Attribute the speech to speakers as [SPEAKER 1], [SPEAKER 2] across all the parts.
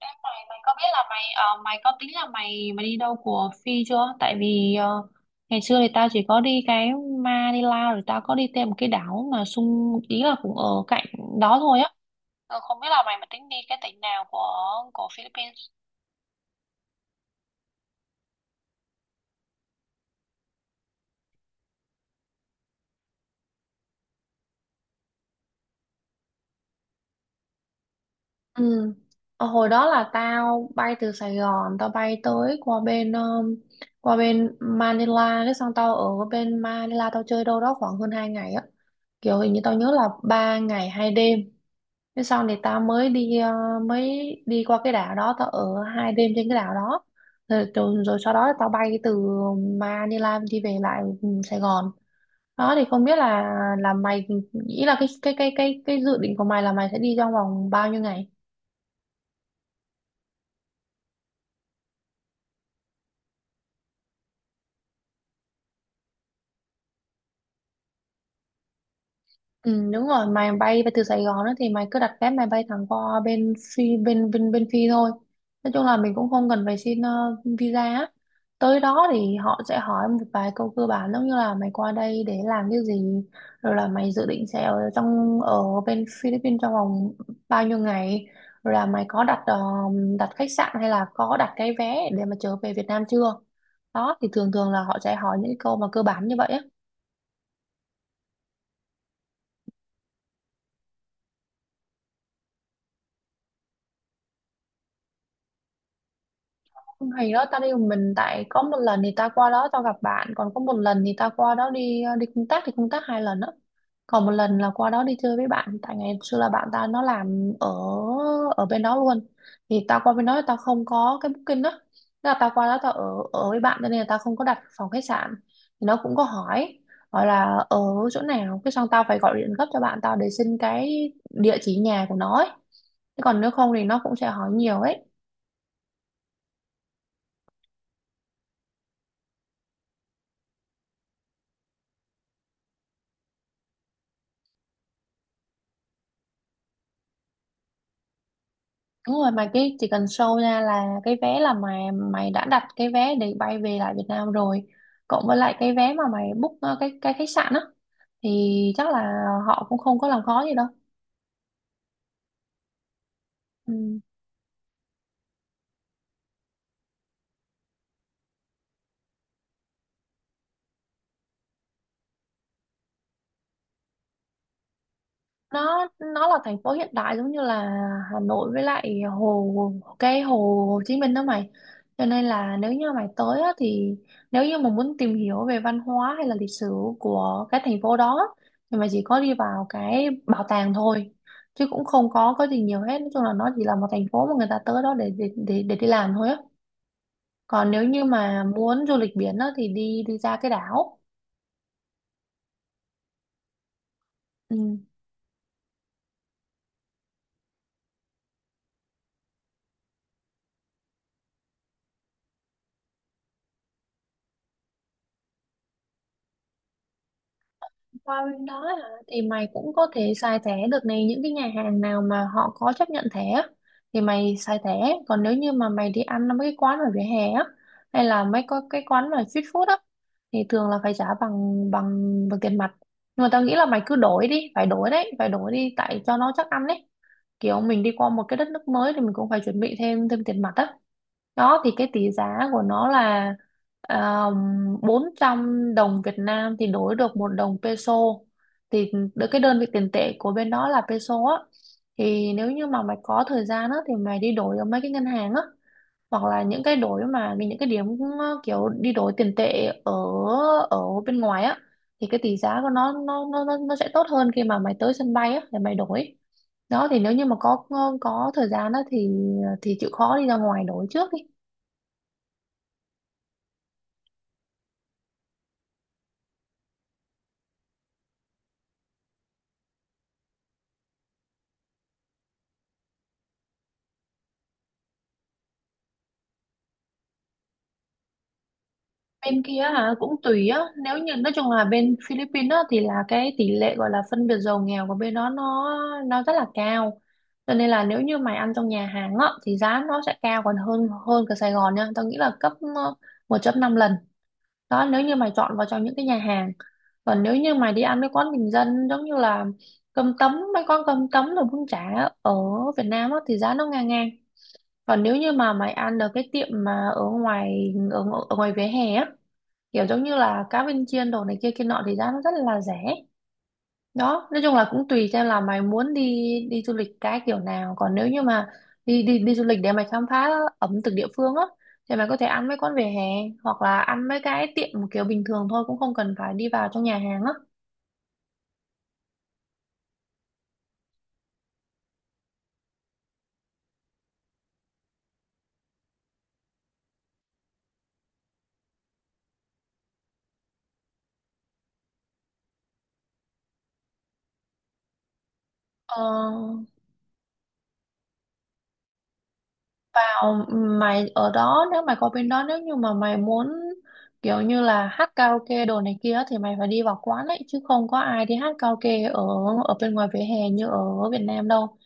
[SPEAKER 1] Em, mày mày có biết là mày có tính là mày mày đi đâu của Phi chưa? Tại vì ngày xưa thì tao chỉ có đi cái Manila, rồi tao có đi thêm một cái đảo mà xung ý là cũng ở cạnh đó thôi á. Không biết là mày mà tính đi cái tỉnh nào của Philippines. Ừ. Hồi đó là tao bay từ Sài Gòn, tao bay tới qua bên Manila, cái xong tao ở bên Manila tao chơi đâu đó khoảng hơn 2 ngày á. Kiểu hình như tao nhớ là 3 ngày 2 đêm. Thế xong thì tao mới đi mới đi qua cái đảo đó, tao ở 2 đêm trên cái đảo đó, rồi sau đó tao bay từ Manila đi về lại, Sài Gòn. Đó thì không biết là mày nghĩ là cái dự định của mày là mày sẽ đi trong vòng bao nhiêu ngày. Ừ, đúng rồi. Mày bay từ Sài Gòn đó thì mày cứ đặt vé, mày bay thẳng qua bên phi, bên bên bên phi thôi. Nói chung là mình cũng không cần phải xin visa á. Tới đó thì họ sẽ hỏi một vài câu cơ bản, giống như là mày qua đây để làm cái gì, rồi là mày dự định sẽ ở trong ở bên Philippines trong vòng bao nhiêu ngày, rồi là mày có đặt đặt khách sạn hay là có đặt cái vé để mà trở về Việt Nam chưa. Đó thì thường thường là họ sẽ hỏi những câu mà cơ bản như vậy á. Không, hay đó, tao đi một mình. Tại có một lần thì tao qua đó tao gặp bạn, còn có một lần thì tao qua đó đi, đi công tác. Thì công tác 2 lần đó, còn một lần là qua đó đi chơi với bạn. Tại ngày xưa là bạn tao nó làm ở ở bên đó luôn. Thì tao qua bên đó thì tao không có cái booking đó. Thế là tao qua đó tao ở ở với bạn, cho nên là tao không có đặt phòng khách sạn. Thì nó cũng có hỏi, gọi là ở chỗ nào, cái xong tao phải gọi điện gấp cho bạn tao để xin cái địa chỉ nhà của nó ấy. Thế còn nếu không thì nó cũng sẽ hỏi nhiều ấy. Đúng rồi, mà cái chỉ cần show ra là cái vé, là mày, mày đã đặt cái vé để bay về lại Việt Nam rồi, cộng với lại cái vé mà mày book cái khách sạn á, thì chắc là họ cũng không có làm khó gì đâu. Ừ. nó là thành phố hiện đại, giống như là Hà Nội với lại hồ, cái hồ Hồ Chí Minh đó mày. Cho nên là nếu như mày tới á, thì nếu như mà muốn tìm hiểu về văn hóa hay là lịch sử của cái thành phố đó, thì mày chỉ có đi vào cái bảo tàng thôi, chứ cũng không có gì nhiều hết. Nói chung là nó chỉ là một thành phố mà người ta tới đó để, đi làm thôi á. Còn nếu như mà muốn du lịch biển á, thì đi, ra cái đảo. Ừ. Qua bên đó hả? Thì mày cũng có thể xài thẻ được. Này, những cái nhà hàng nào mà họ có chấp nhận thẻ á, thì mày xài thẻ. Còn nếu như mà mày đi ăn ở mấy cái quán ở vỉa hè á, hay là mấy có cái quán mà street food á, thì thường là phải trả bằng, bằng tiền mặt. Nhưng mà tao nghĩ là mày cứ đổi đi, phải đổi đấy, phải đổi đi tại cho nó chắc ăn đấy. Kiểu mình đi qua một cái đất nước mới thì mình cũng phải chuẩn bị thêm, tiền mặt á. Đó thì cái tỷ giá của nó là um, 400 đồng Việt Nam thì đổi được một đồng peso. Thì cái đơn vị tiền tệ của bên đó là peso á. Thì nếu như mà mày có thời gian á thì mày đi đổi ở mấy cái ngân hàng á, hoặc là những cái đổi, mà những cái điểm, kiểu đi đổi tiền tệ ở ở bên ngoài á, thì cái tỷ giá của nó, nó sẽ tốt hơn khi mà mày tới sân bay á để mày đổi. Đó thì nếu như mà có, thời gian á thì, chịu khó đi ra ngoài đổi trước đi. Bên kia hả? Cũng tùy á. Nếu như, nói chung là bên Philippines á, thì là cái tỷ lệ gọi là phân biệt giàu nghèo của bên đó nó rất là cao, cho nên là nếu như mày ăn trong nhà hàng á thì giá nó sẽ cao còn hơn, cả Sài Gòn nha. Tao nghĩ là gấp 1 năm lần đó, nếu như mày chọn vào trong những cái nhà hàng. Còn nếu như mày đi ăn mấy quán bình dân, giống như là cơm tấm, mấy quán cơm tấm rồi bún chả ở Việt Nam á, thì giá nó ngang ngang. Còn nếu như mà mày ăn ở cái tiệm mà ở ngoài, ở, ở ngoài vỉa hè á, kiểu giống như là cá viên chiên đồ này kia kia nọ, thì giá nó rất là rẻ. Đó, nói chung là cũng tùy theo là mày muốn đi, du lịch cái kiểu nào. Còn nếu như mà đi, đi đi du lịch để mày khám phá ẩm thực địa phương á, thì mày có thể ăn mấy quán vỉa hè, hoặc là ăn mấy cái tiệm một kiểu bình thường thôi, cũng không cần phải đi vào trong nhà hàng á. ờ, Vào mày ở đó, nếu mày có bên đó, nếu như mà mày muốn kiểu như là hát karaoke đồ này kia thì mày phải đi vào quán ấy, chứ không có ai đi hát karaoke ở ở bên ngoài vỉa hè như ở Việt Nam đâu.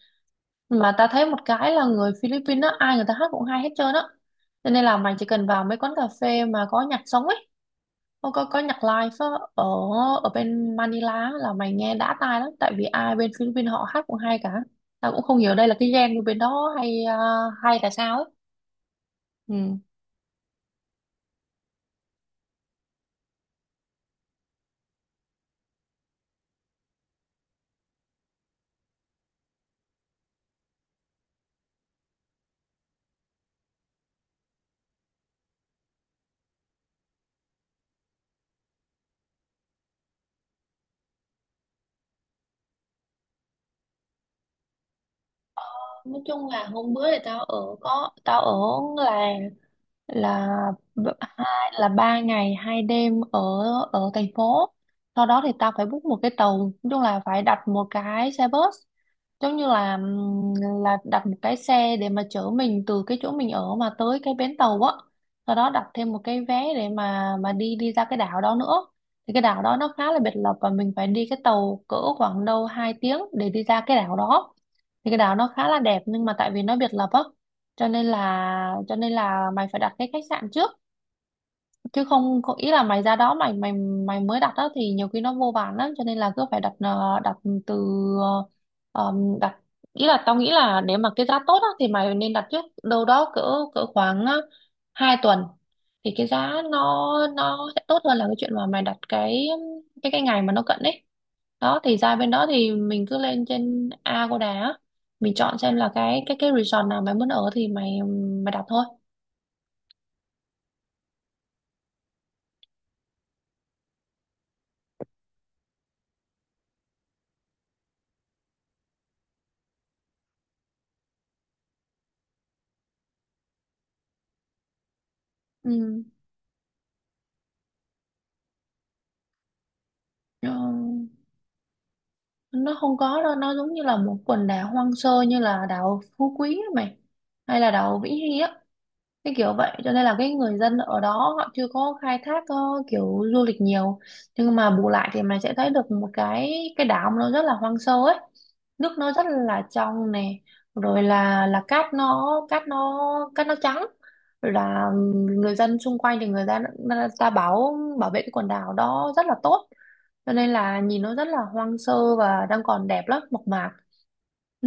[SPEAKER 1] Mà ta thấy một cái là người Philippines á, ai người ta hát cũng hay hết trơn á. Cho nên là mày chỉ cần vào mấy quán cà phê mà có nhạc sống ấy, không có, có nhạc live á, ở ở bên Manila á, là mày nghe đã tai lắm. Tại vì ai bên Philippines họ hát cũng hay cả. Ta cũng không hiểu đây là cái gen của bên đó hay à, hay là sao ấy. Ừ. Nói chung là hôm bữa thì tao ở, có tao ở làng, là 2 là 3 ngày 2 đêm ở ở thành phố. Sau đó thì tao phải book một cái tàu, nói chung là phải đặt một cái xe bus, giống như là đặt một cái xe để mà chở mình từ cái chỗ mình ở mà tới cái bến tàu á, sau đó đặt thêm một cái vé để mà, đi, ra cái đảo đó nữa. Thì cái đảo đó nó khá là biệt lập, và mình phải đi cái tàu cỡ khoảng đâu 2 tiếng để đi ra cái đảo đó. Thì cái đảo nó khá là đẹp, nhưng mà tại vì nó biệt lập á, cho nên là mày phải đặt cái khách sạn trước. Chứ không có, ý là mày ra đó, mày mày mày mới đặt đó thì nhiều khi nó vô vàn lắm. Cho nên là cứ phải đặt, ờ, đặt từ ờ, đặt ý là tao nghĩ là nếu mà cái giá tốt á, thì mày nên đặt trước đâu đó cỡ, khoảng 2 tuần thì cái giá nó sẽ tốt hơn là cái chuyện mà mày đặt cái ngày mà nó cận ấy. Đó thì ra bên đó thì mình cứ lên trên Agoda á, mình chọn xem là cái resort nào mày muốn ở thì mày mày đặt thôi. Ừ. Ừ. Nó không có đâu, nó giống như là một quần đảo hoang sơ, như là đảo Phú Quý á mày, hay là đảo Vĩnh Hy á, cái kiểu vậy. Cho nên là cái người dân ở đó họ chưa có khai thác kiểu du lịch nhiều. Nhưng mà bù lại thì mình sẽ thấy được một cái đảo nó rất là hoang sơ ấy, nước nó rất là trong này, rồi là cát nó cát nó trắng. Rồi là người dân xung quanh thì người ta bảo bảo vệ cái quần đảo đó rất là tốt, cho nên là nhìn nó rất là hoang sơ và đang còn đẹp lắm, mộc mạc.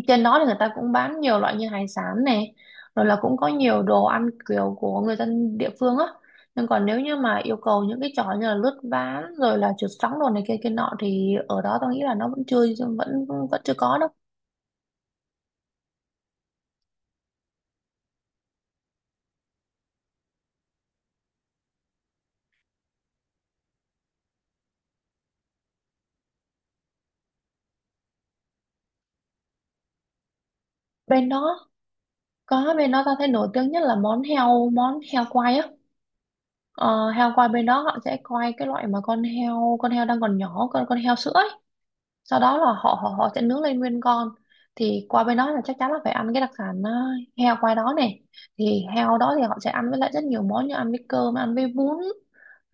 [SPEAKER 1] Trên đó thì người ta cũng bán nhiều loại như hải sản này, rồi là cũng có nhiều đồ ăn kiểu của người dân địa phương á. Nhưng còn nếu như mà yêu cầu những cái trò như là lướt ván rồi là trượt sóng đồ này kia kia nọ, thì ở đó tao nghĩ là nó vẫn chưa, vẫn vẫn chưa có đâu. Bên đó có, bên đó tao thấy nổi tiếng nhất là món heo quay á. Ờ, Heo quay bên đó họ sẽ quay cái loại mà con heo đang còn nhỏ, con heo sữa ấy. Sau đó là họ họ họ sẽ nướng lên nguyên con. Thì qua bên đó là chắc chắn là phải ăn cái đặc sản heo qua đó này. Thì heo đó thì họ sẽ ăn với lại rất nhiều món, như ăn với cơm, ăn với bún,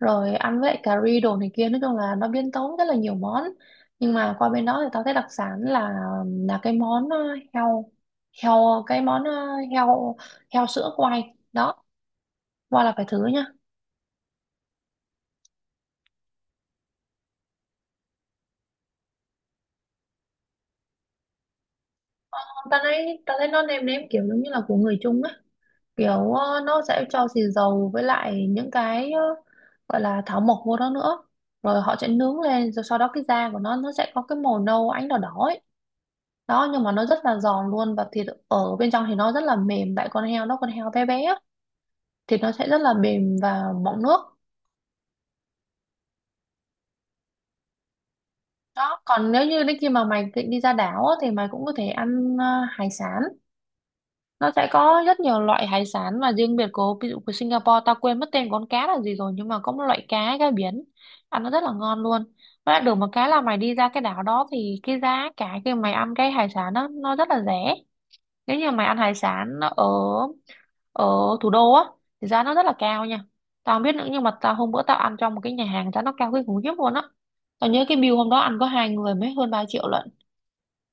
[SPEAKER 1] rồi ăn với lại cà ri đồ này kia, nói chung là nó biến tấu rất là nhiều món. Nhưng mà qua bên đó thì tao thấy đặc sản là cái món ờ, heo heo cái món ờ, heo heo sữa quay đó, qua là phải thử nha. Tao thấy nó nêm nếm kiểu giống như là của người Trung á, kiểu nó sẽ cho xì dầu với lại những cái gọi là thảo mộc vô đó nữa. Rồi họ sẽ nướng lên, rồi sau đó cái da của nó sẽ có cái màu nâu ánh đỏ đỏ ấy. Đó, nhưng mà nó rất là giòn luôn, và thịt ở bên trong thì nó rất là mềm, tại con heo nó, con heo bé bé á, thịt nó sẽ rất là mềm và mọng nước. Đó, còn nếu như đến khi mà mày định đi ra đảo á, thì mày cũng có thể ăn hải sản. Nó sẽ có rất nhiều loại hải sản, và riêng biệt của, ví dụ của Singapore, tao quên mất tên con cá là gì rồi, nhưng mà có một loại cá cá biển ăn nó rất là ngon luôn. Với lại được một cái là mày đi ra cái đảo đó thì cái giá cả khi mày ăn cái hải sản đó nó rất là rẻ. Nếu như mày ăn hải sản ở ở thủ đô á, thì giá nó rất là cao nha. Tao không biết nữa, nhưng mà tao hôm bữa tao ăn trong một cái nhà hàng, giá nó cao kinh khủng khiếp luôn á. Tao nhớ cái bill hôm đó ăn có hai người mới hơn 3 triệu lận.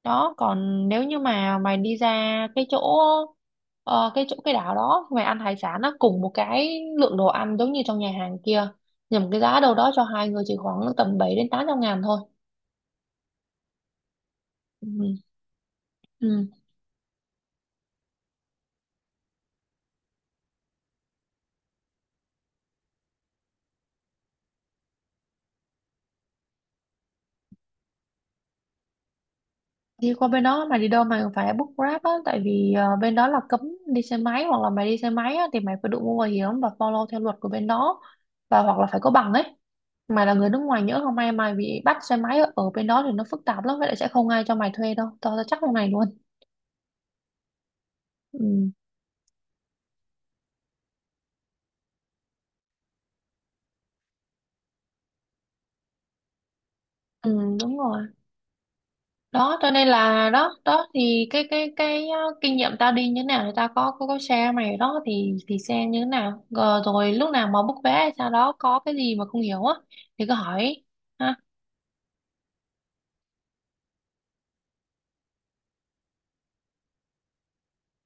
[SPEAKER 1] Đó, còn nếu như mà mày đi ra cái chỗ, ờ, cái chỗ cái đảo đó, mày ăn hải sản nó cùng một cái lượng đồ ăn giống như trong nhà hàng kia, nhưng mà cái giá đâu đó cho hai người chỉ khoảng tầm 700 đến 800 ngàn thôi. Ừ. Ừ. Đi qua bên đó mày đi đâu mày cũng phải book Grab á, tại vì bên đó là cấm đi xe máy. Hoặc là mày đi xe máy á, thì mày phải đội mũ bảo hiểm và follow theo luật của bên đó, và hoặc là phải có bằng ấy. Mày là người nước ngoài, nhỡ không may mày bị bắt xe máy ở ở bên đó thì nó phức tạp lắm, vậy lại sẽ không ai cho mày thuê đâu, tao tao chắc lúc này luôn. Ừ, ừ đúng rồi. Đó cho nên là đó đó thì cái kinh nghiệm tao đi như thế nào thì tao có share mày đó, thì xem như thế nào. Ờ, rồi lúc nào mà book vé hay sao đó có cái gì mà không hiểu á thì cứ hỏi ha.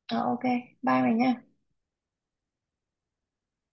[SPEAKER 1] Ờ, ok, bye mày nha.